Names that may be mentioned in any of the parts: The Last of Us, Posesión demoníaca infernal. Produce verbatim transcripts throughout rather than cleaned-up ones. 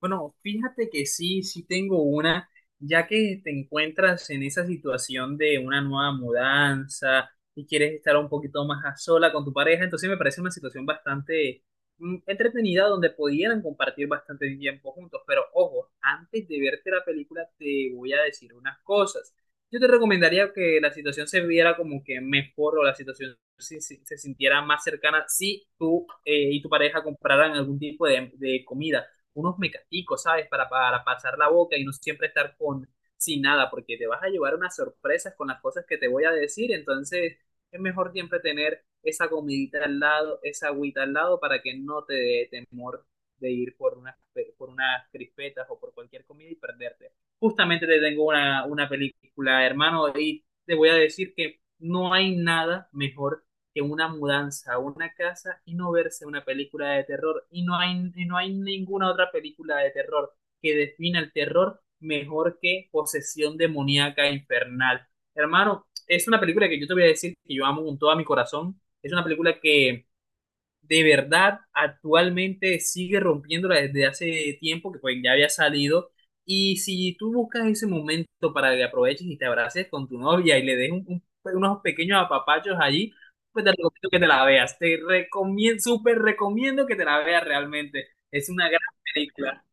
Bueno, fíjate que sí, sí tengo una, ya que te encuentras en esa situación de una nueva mudanza y quieres estar un poquito más a sola con tu pareja. Entonces me parece una situación bastante mm, entretenida, donde pudieran compartir bastante tiempo juntos. Pero ojo, antes de verte la película te voy a decir unas cosas. Yo te recomendaría que la situación se viera como que mejor, o la situación se, se- se sintiera más cercana si tú eh, y tu pareja compraran algún tipo de de comida, unos mecaticos, ¿sabes? Para, para pasar la boca y no siempre estar con, sin nada, porque te vas a llevar unas sorpresas con las cosas que te voy a decir. Entonces es mejor siempre tener esa comidita al lado, esa agüita al lado, para que no te dé temor de ir por unas, pe- por unas crispetas o por cualquier comida y perderte. Justamente te tengo una, una película, hermano, y te voy a decir que no hay nada mejor que una mudanza a una casa y no verse una película de terror. Y no hay, y no hay ninguna otra película de terror que defina el terror mejor que Posesión Demoníaca Infernal. Hermano, es una película que yo te voy a decir que yo amo con todo mi corazón. Es una película que de verdad actualmente sigue rompiéndola desde hace tiempo, que pues ya había salido. Y si tú buscas ese momento para que aproveches y te abraces con tu novia y le des un- un- unos pequeños apapachos allí, pues te recomiendo que te la veas. Te recomiendo, súper recomiendo que te la veas realmente. Es una gran película.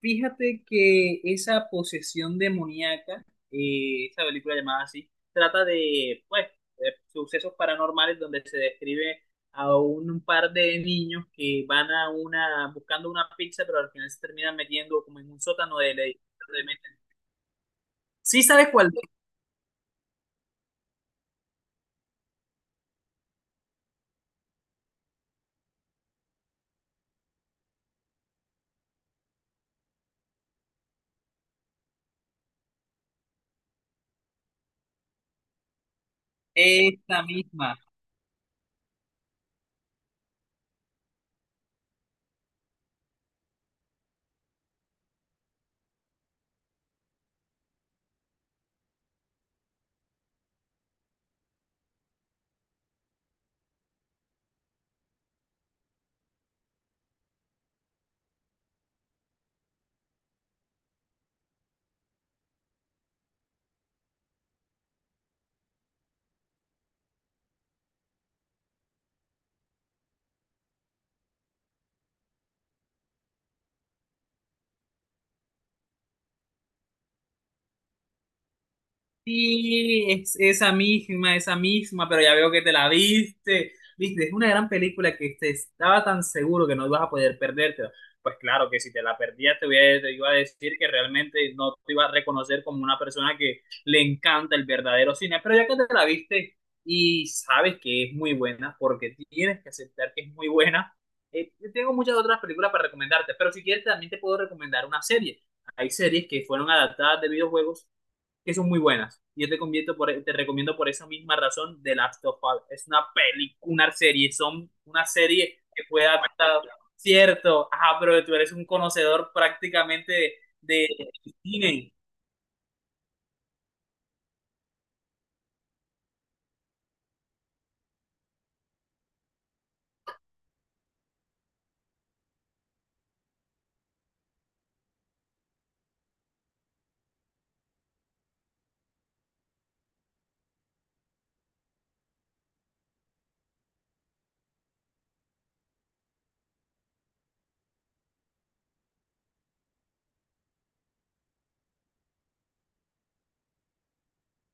Fíjate que esa posesión demoníaca, eh, esa película llamada así, trata de, pues, de sucesos paranormales, donde se describe a un par de niños que van a una, buscando una pizza, pero al final se terminan metiendo como en un sótano de... de- de- ¿Sí sabes cuál es? Esta misma. Sí, es esa misma, esa misma, pero ya veo que te la viste. Viste, es una gran película que te estaba tan seguro que no ibas a poder perdértela. Pues claro que si te la perdías te, voy a- te iba a decir que realmente no te iba a reconocer como una persona que le encanta el verdadero cine, pero ya que te la viste y sabes que es muy buena, porque tienes que aceptar que es muy buena, eh, yo tengo muchas otras películas para recomendarte, pero si quieres también te puedo recomendar una serie. Hay series que fueron adaptadas de videojuegos que son muy buenas. Yo te, convierto por, e, te recomiendo por esa misma razón The Last of Us. Es una película, una serie, son una serie que puede adaptar, cierto, ajá, pero tú eres un conocedor prácticamente de, de cine.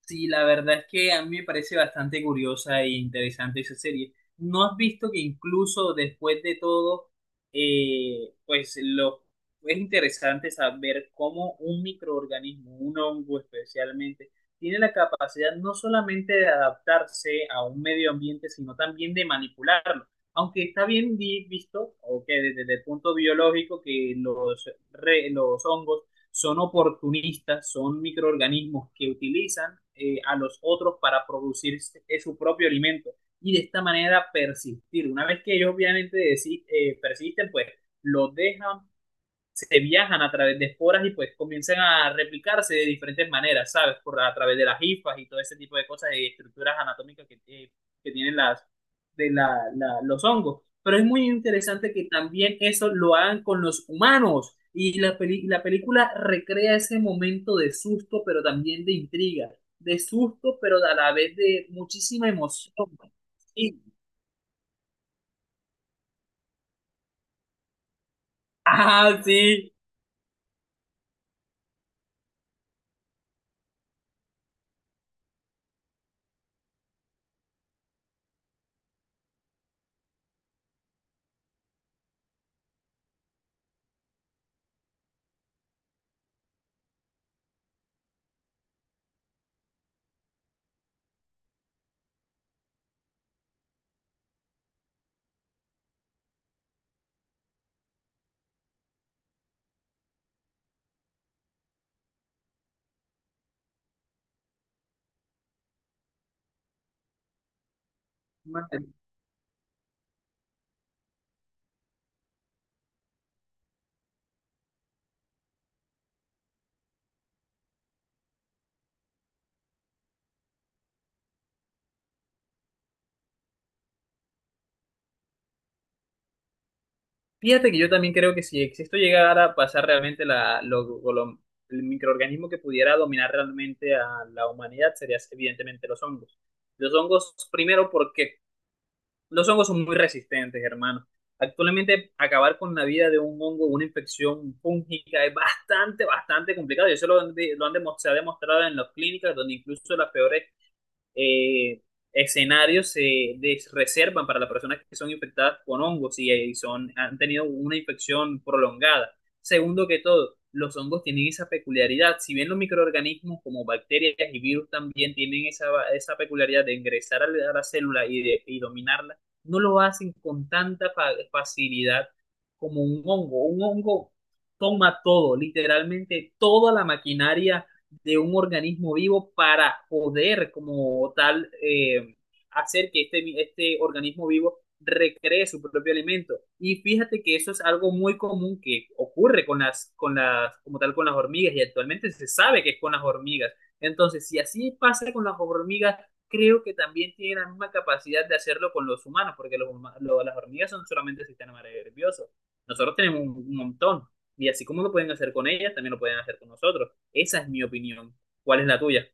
Sí, la verdad es que a mí me parece bastante curiosa e interesante esa serie. ¿No has visto que incluso después de todo, eh, pues lo es interesante saber cómo un microorganismo, un hongo especialmente, tiene la capacidad no solamente de adaptarse a un medio ambiente, sino también de manipularlo? Aunque está bien vi- visto, o que desde el punto biológico, que los, re- los hongos son oportunistas, son microorganismos que utilizan eh, a los otros para producir su propio alimento y de esta manera persistir. Una vez que ellos obviamente desi- eh, persisten, pues los dejan, se viajan a través de esporas, y pues comienzan a replicarse de diferentes maneras, ¿sabes? Por, a través de las hifas y todo ese tipo de cosas y estructuras anatómicas que, eh, que tienen las, de la, la- los hongos. Pero es muy interesante que también eso lo hagan con los humanos, y la, peli- la película recrea ese momento de susto, pero también de intriga, de susto, pero a la vez de muchísima emoción. Sí. Ah, sí. Fíjate que yo también creo que si esto llegara a pasar realmente la, lo- lo- el microorganismo que pudiera dominar realmente a la humanidad sería evidentemente los hongos. Los hongos, primero, porque los hongos son muy resistentes, hermano. Actualmente, acabar con la vida de un hongo, una infección fúngica, es bastante, bastante complicado. Y eso lo, han de- lo han demo- se ha demostrado en las clínicas, donde incluso las peores eh, escenarios se des- reservan para las personas que son infectadas con hongos y, eh, son, han tenido una infección prolongada. Segundo que todo, los hongos tienen esa peculiaridad. Si bien los microorganismos como bacterias y virus también tienen esa, esa peculiaridad de ingresar a la, a la célula y, de, y dominarla, no lo hacen con tanta fa- facilidad como un hongo. Un hongo toma todo, literalmente toda la maquinaria de un organismo vivo, para poder como tal eh, hacer que este, este organismo vivo recree su propio alimento. Y fíjate que eso es algo muy común que ocurre con las, con las, como tal, con las hormigas, y actualmente se sabe que es con las hormigas. Entonces, si así pasa con las hormigas, creo que también tiene la misma capacidad de hacerlo con los humanos, porque los, huma- lo, las hormigas son solamente sistemas nerviosos. Nosotros tenemos un, un montón, y así como lo pueden hacer con ellas, también lo pueden hacer con nosotros. Esa es mi opinión. ¿Cuál es la tuya?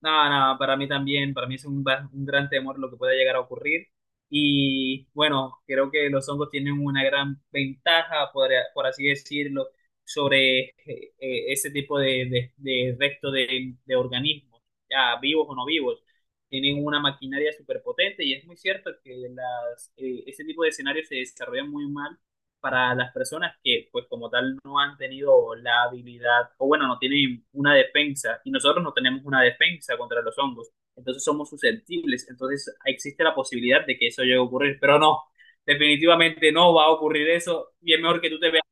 Nada, nada, para mí también, para mí es un, va- un gran temor lo que pueda llegar a ocurrir. Y bueno, creo que los hongos tienen una gran ventaja, podría- por así decirlo, sobre eh, eh, ese tipo de, de, de resto de, de organismos, ya vivos o no vivos. Tienen una maquinaria superpotente, y es muy cierto que las, eh, ese tipo de escenarios se desarrollan muy mal para las personas que, pues como tal, no han tenido la habilidad, o bueno, no tienen una defensa, y nosotros no tenemos una defensa contra los hongos, entonces somos susceptibles, entonces existe la posibilidad de que eso llegue a ocurrir, pero no, definitivamente no va a ocurrir eso, y es mejor que tú te veas,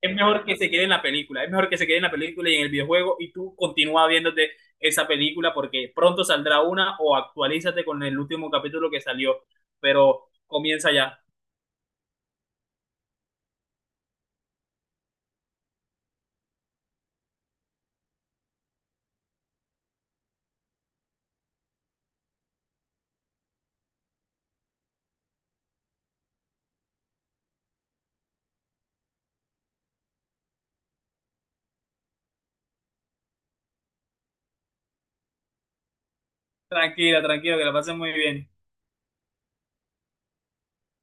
es mejor que se quede en la película, es mejor que se quede en la película y en el videojuego, y tú continúa viéndote esa película porque pronto saldrá una, o actualízate con el último capítulo que salió, pero comienza ya. Tranquila, tranquilo, que la pasen muy bien.